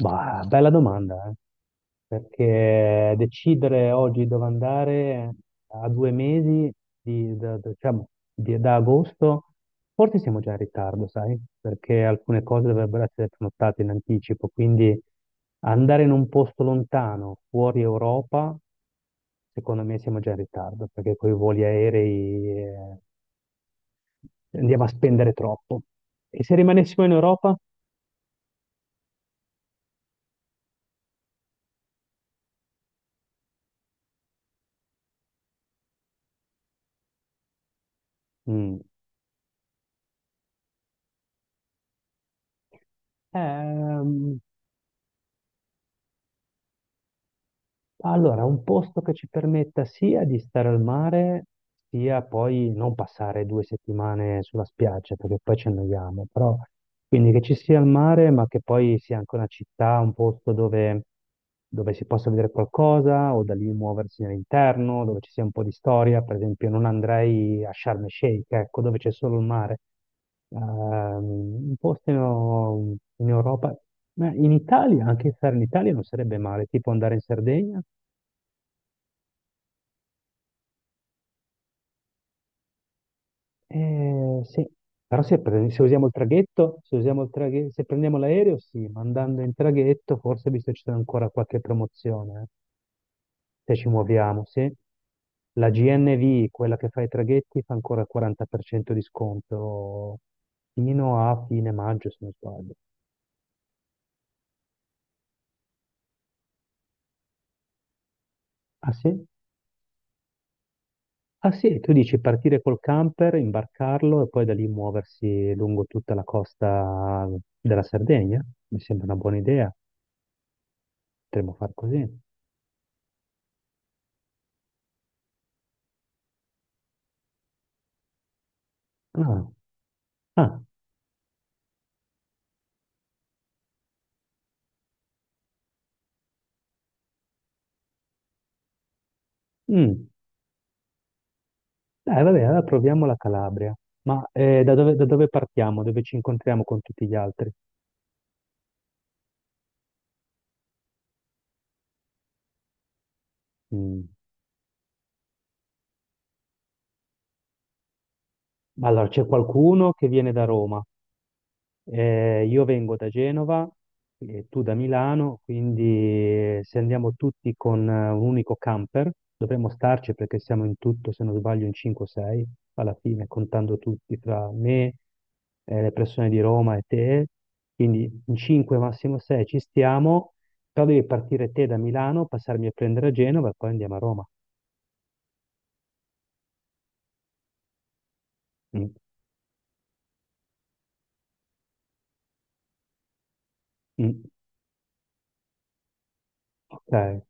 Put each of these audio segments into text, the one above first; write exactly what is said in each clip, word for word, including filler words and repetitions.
Bah, bella domanda, eh. Perché decidere oggi dove andare a due mesi di- da, da- diciamo, di- da agosto, forse siamo già in ritardo, sai? Perché alcune cose dovrebbero essere prenotate in anticipo, quindi andare in un posto lontano, fuori Europa, secondo me siamo già in ritardo, perché con i voli aerei eh, andiamo a spendere troppo. E se rimanessimo in Europa? Mm. Ehm, Allora, un posto che ci permetta sia di stare al mare, sia poi non passare due settimane sulla spiaggia, perché poi ci annoiamo, però quindi che ci sia il mare, ma che poi sia anche una città, un posto dove, dove si possa vedere qualcosa o da lì muoversi all'interno, dove ci sia un po' di storia, per esempio non andrei a Sharm el Sheikh, ecco, dove c'è solo il mare. Ehm, un posto in in Europa, ma in Italia, anche stare in Italia non sarebbe male, tipo andare in Sardegna. Eh, sì, però se, pre- se usiamo il traghetto, se usiamo il traghe- se prendiamo l'aereo, sì, ma andando in traghetto, forse visto ci sono ancora qualche promozione, eh, se ci muoviamo, sì. La G N V, quella che fa i traghetti, fa ancora il quaranta per cento di sconto fino a fine maggio, se non sbaglio. Ah sì? Ah sì, tu dici partire col camper, imbarcarlo e poi da lì muoversi lungo tutta la costa della Sardegna? Mi sembra una buona idea, potremmo far così. Ah, ah. Mm. Eh, vabbè, allora proviamo la Calabria. Ma eh, da dove, da dove partiamo? Dove ci incontriamo con tutti gli altri? Mm. Allora, c'è qualcuno che viene da Roma, Eh, io vengo da Genova e tu da Milano, quindi eh, se andiamo tutti con eh, un unico camper, dovremmo starci perché siamo in tutto, se non sbaglio, in cinque o sei alla fine, contando tutti tra me, eh, le persone di Roma e te, quindi in cinque massimo sei ci stiamo, però devi partire te da Milano, passarmi a prendere a Genova e poi andiamo a Roma. Mm, mm, ok.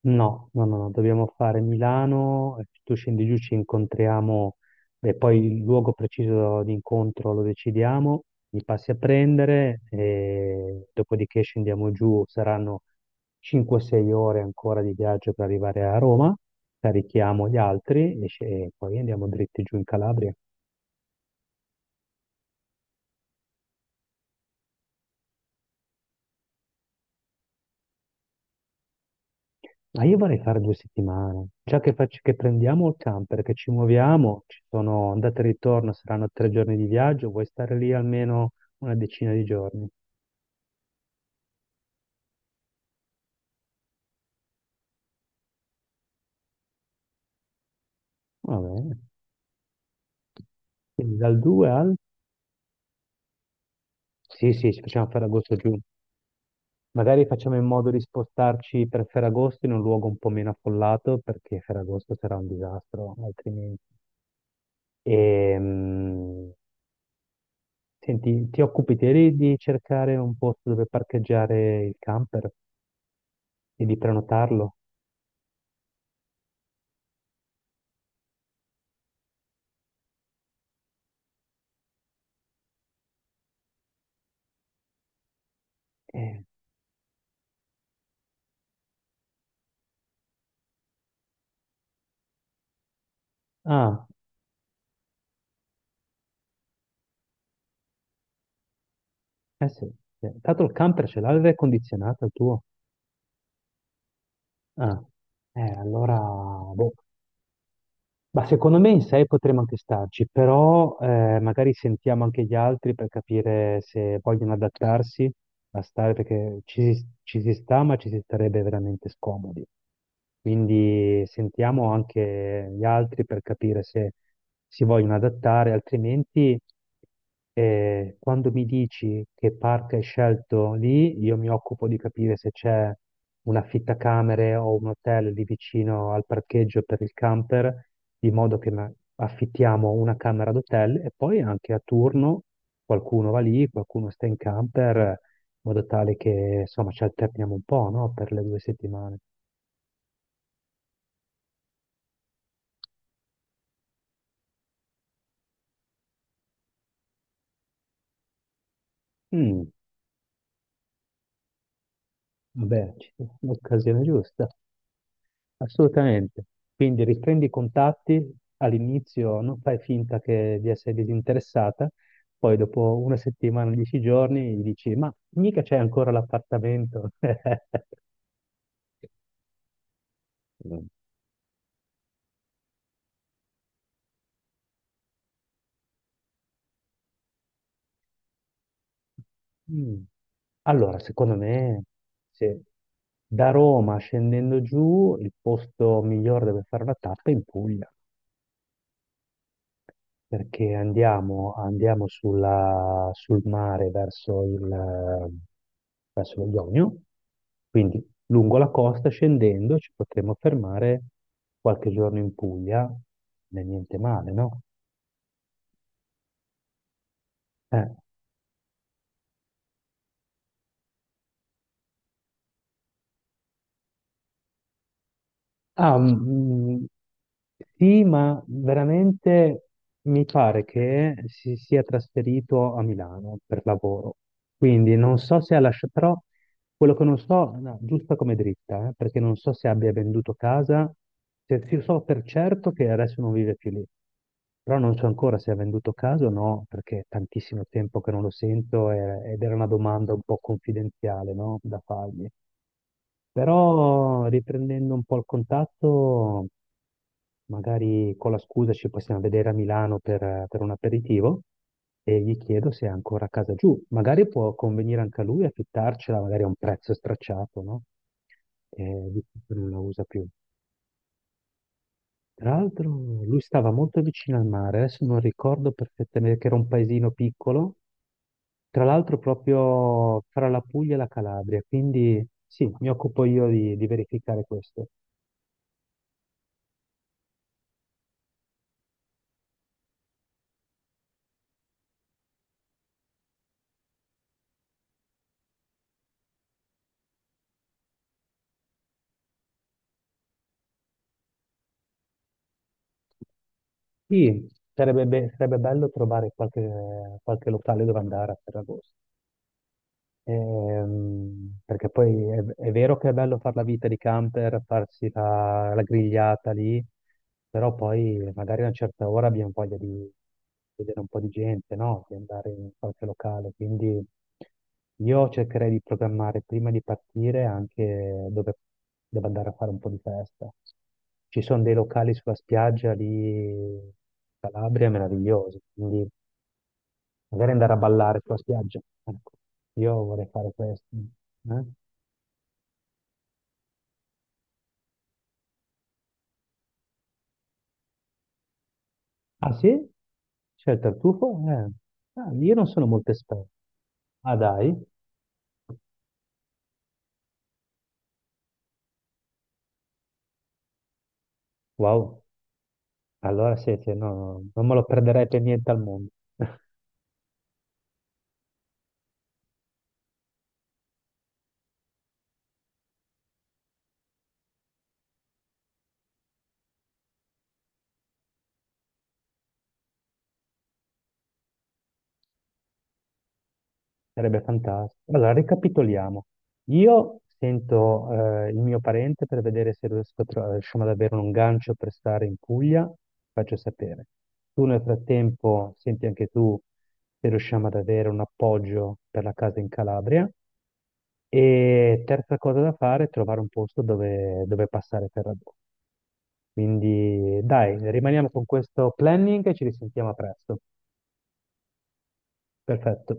No, no, no, no, dobbiamo fare Milano, eh, tu scendi giù, ci incontriamo e poi il luogo preciso di incontro lo decidiamo, mi passi a prendere e dopodiché scendiamo giù, saranno cinque o sei ore ancora di viaggio per arrivare a Roma, carichiamo gli altri e sce- e poi andiamo dritti giù in Calabria. Ma io vorrei fare due settimane, già che, facci- che prendiamo il camper, che ci muoviamo, ci sono andate e ritorno, saranno tre giorni di viaggio, vuoi stare lì almeno una decina di giorni? Va bene. Quindi dal due al... Sì, sì, ci facciamo Ferragosto giù. Magari facciamo in modo di spostarci per Ferragosto in un luogo un po' meno affollato, perché Ferragosto sarà un disastro, altrimenti. E, mh, senti, ti occupi te di cercare un posto dove parcheggiare il camper e di prenotarlo? Eh, ah, eh sì. Sì. Tanto il camper ce l'ha l'aria condizionata il tuo? Ah, eh, allora, boh. Ma secondo me in sei potremmo anche starci, però eh, magari sentiamo anche gli altri per capire se vogliono adattarsi a stare, perché ci, si- ci si sta, ma ci si starebbe veramente scomodi. Quindi sentiamo anche gli altri per capire se si vogliono adattare, altrimenti... E quando mi dici che parco hai scelto lì, io mi occupo di capire se c'è un affittacamere o un hotel lì vicino al parcheggio per il camper, di modo che ma- affittiamo una camera d'hotel e poi anche a turno qualcuno va lì, qualcuno sta in camper, in modo tale che insomma ci alterniamo un po', no? Per le due settimane. Mm, vabbè, ci- l'occasione giusta. Assolutamente. Quindi riprendi i contatti all'inizio, non fai finta che di essere disinteressata, poi dopo una settimana, dieci giorni, gli dici, ma mica c'è ancora l'appartamento. Mm. Mm. Allora, secondo me, se da Roma scendendo giù, il posto migliore dove fare la tappa è in Puglia. Perché andiamo, andiamo sulla- sul mare verso il, verso lo Ionio, quindi lungo la costa scendendo ci potremo fermare qualche giorno in Puglia, non è niente male, no? Eh, ah, mm, mm, sì, ma veramente mi pare che si sia trasferito a Milano per lavoro. Quindi non so se ha lasciato, però quello che non so, no, giusta come dritta, eh, perché non so se abbia venduto casa, se io so per certo che adesso non vive più lì, però non so ancora se ha venduto casa o no, perché è tantissimo tempo che non lo sento e- ed era una domanda un po' confidenziale, no, da fargli. Però riprendendo un po' il contatto, magari con la scusa ci possiamo vedere a Milano per, per un aperitivo e gli chiedo se è ancora a casa giù. Magari può convenire anche a lui affittarcela, magari a un prezzo stracciato, no? Eh, visto che non la usa più. Tra l'altro lui stava molto vicino al mare, adesso non ricordo perfettamente che era un paesino piccolo, tra l'altro proprio fra la Puglia e la Calabria, quindi sì, mi occupo io di di verificare questo. Sì, sarebbe, be- sarebbe bello trovare qualche, qualche locale dove andare a Ferragosto. Ehm, perché poi è, è vero che è bello fare la vita di camper, farsi la, la grigliata lì, però poi magari a una certa ora abbiamo voglia di vedere un po' di gente, no? Di andare in qualche locale. Quindi io cercherei di programmare prima di partire anche dove devo andare a fare un po' di festa. Ci sono dei locali sulla spiaggia lì in Calabria meravigliosi, quindi magari andare a ballare sulla spiaggia. Ecco, io vorrei fare questo. Eh. Ah sì? C'è il tartufo? Eh. Ah, io non sono molto esperto. Ah dai? Wow. Allora sì, sì, no, no, non me lo perderei per niente al mondo. Sarebbe fantastico. Allora, ricapitoliamo. Io sento eh, il mio parente per vedere se riesco a tro- riusciamo ad avere un gancio per stare in Puglia, faccio sapere. Tu nel frattempo senti anche tu se riusciamo ad avere un appoggio per la casa in Calabria. E terza cosa da fare è trovare un posto dove, dove passare per Ferragosto. Quindi dai, rimaniamo con questo planning e ci risentiamo a presto. Perfetto.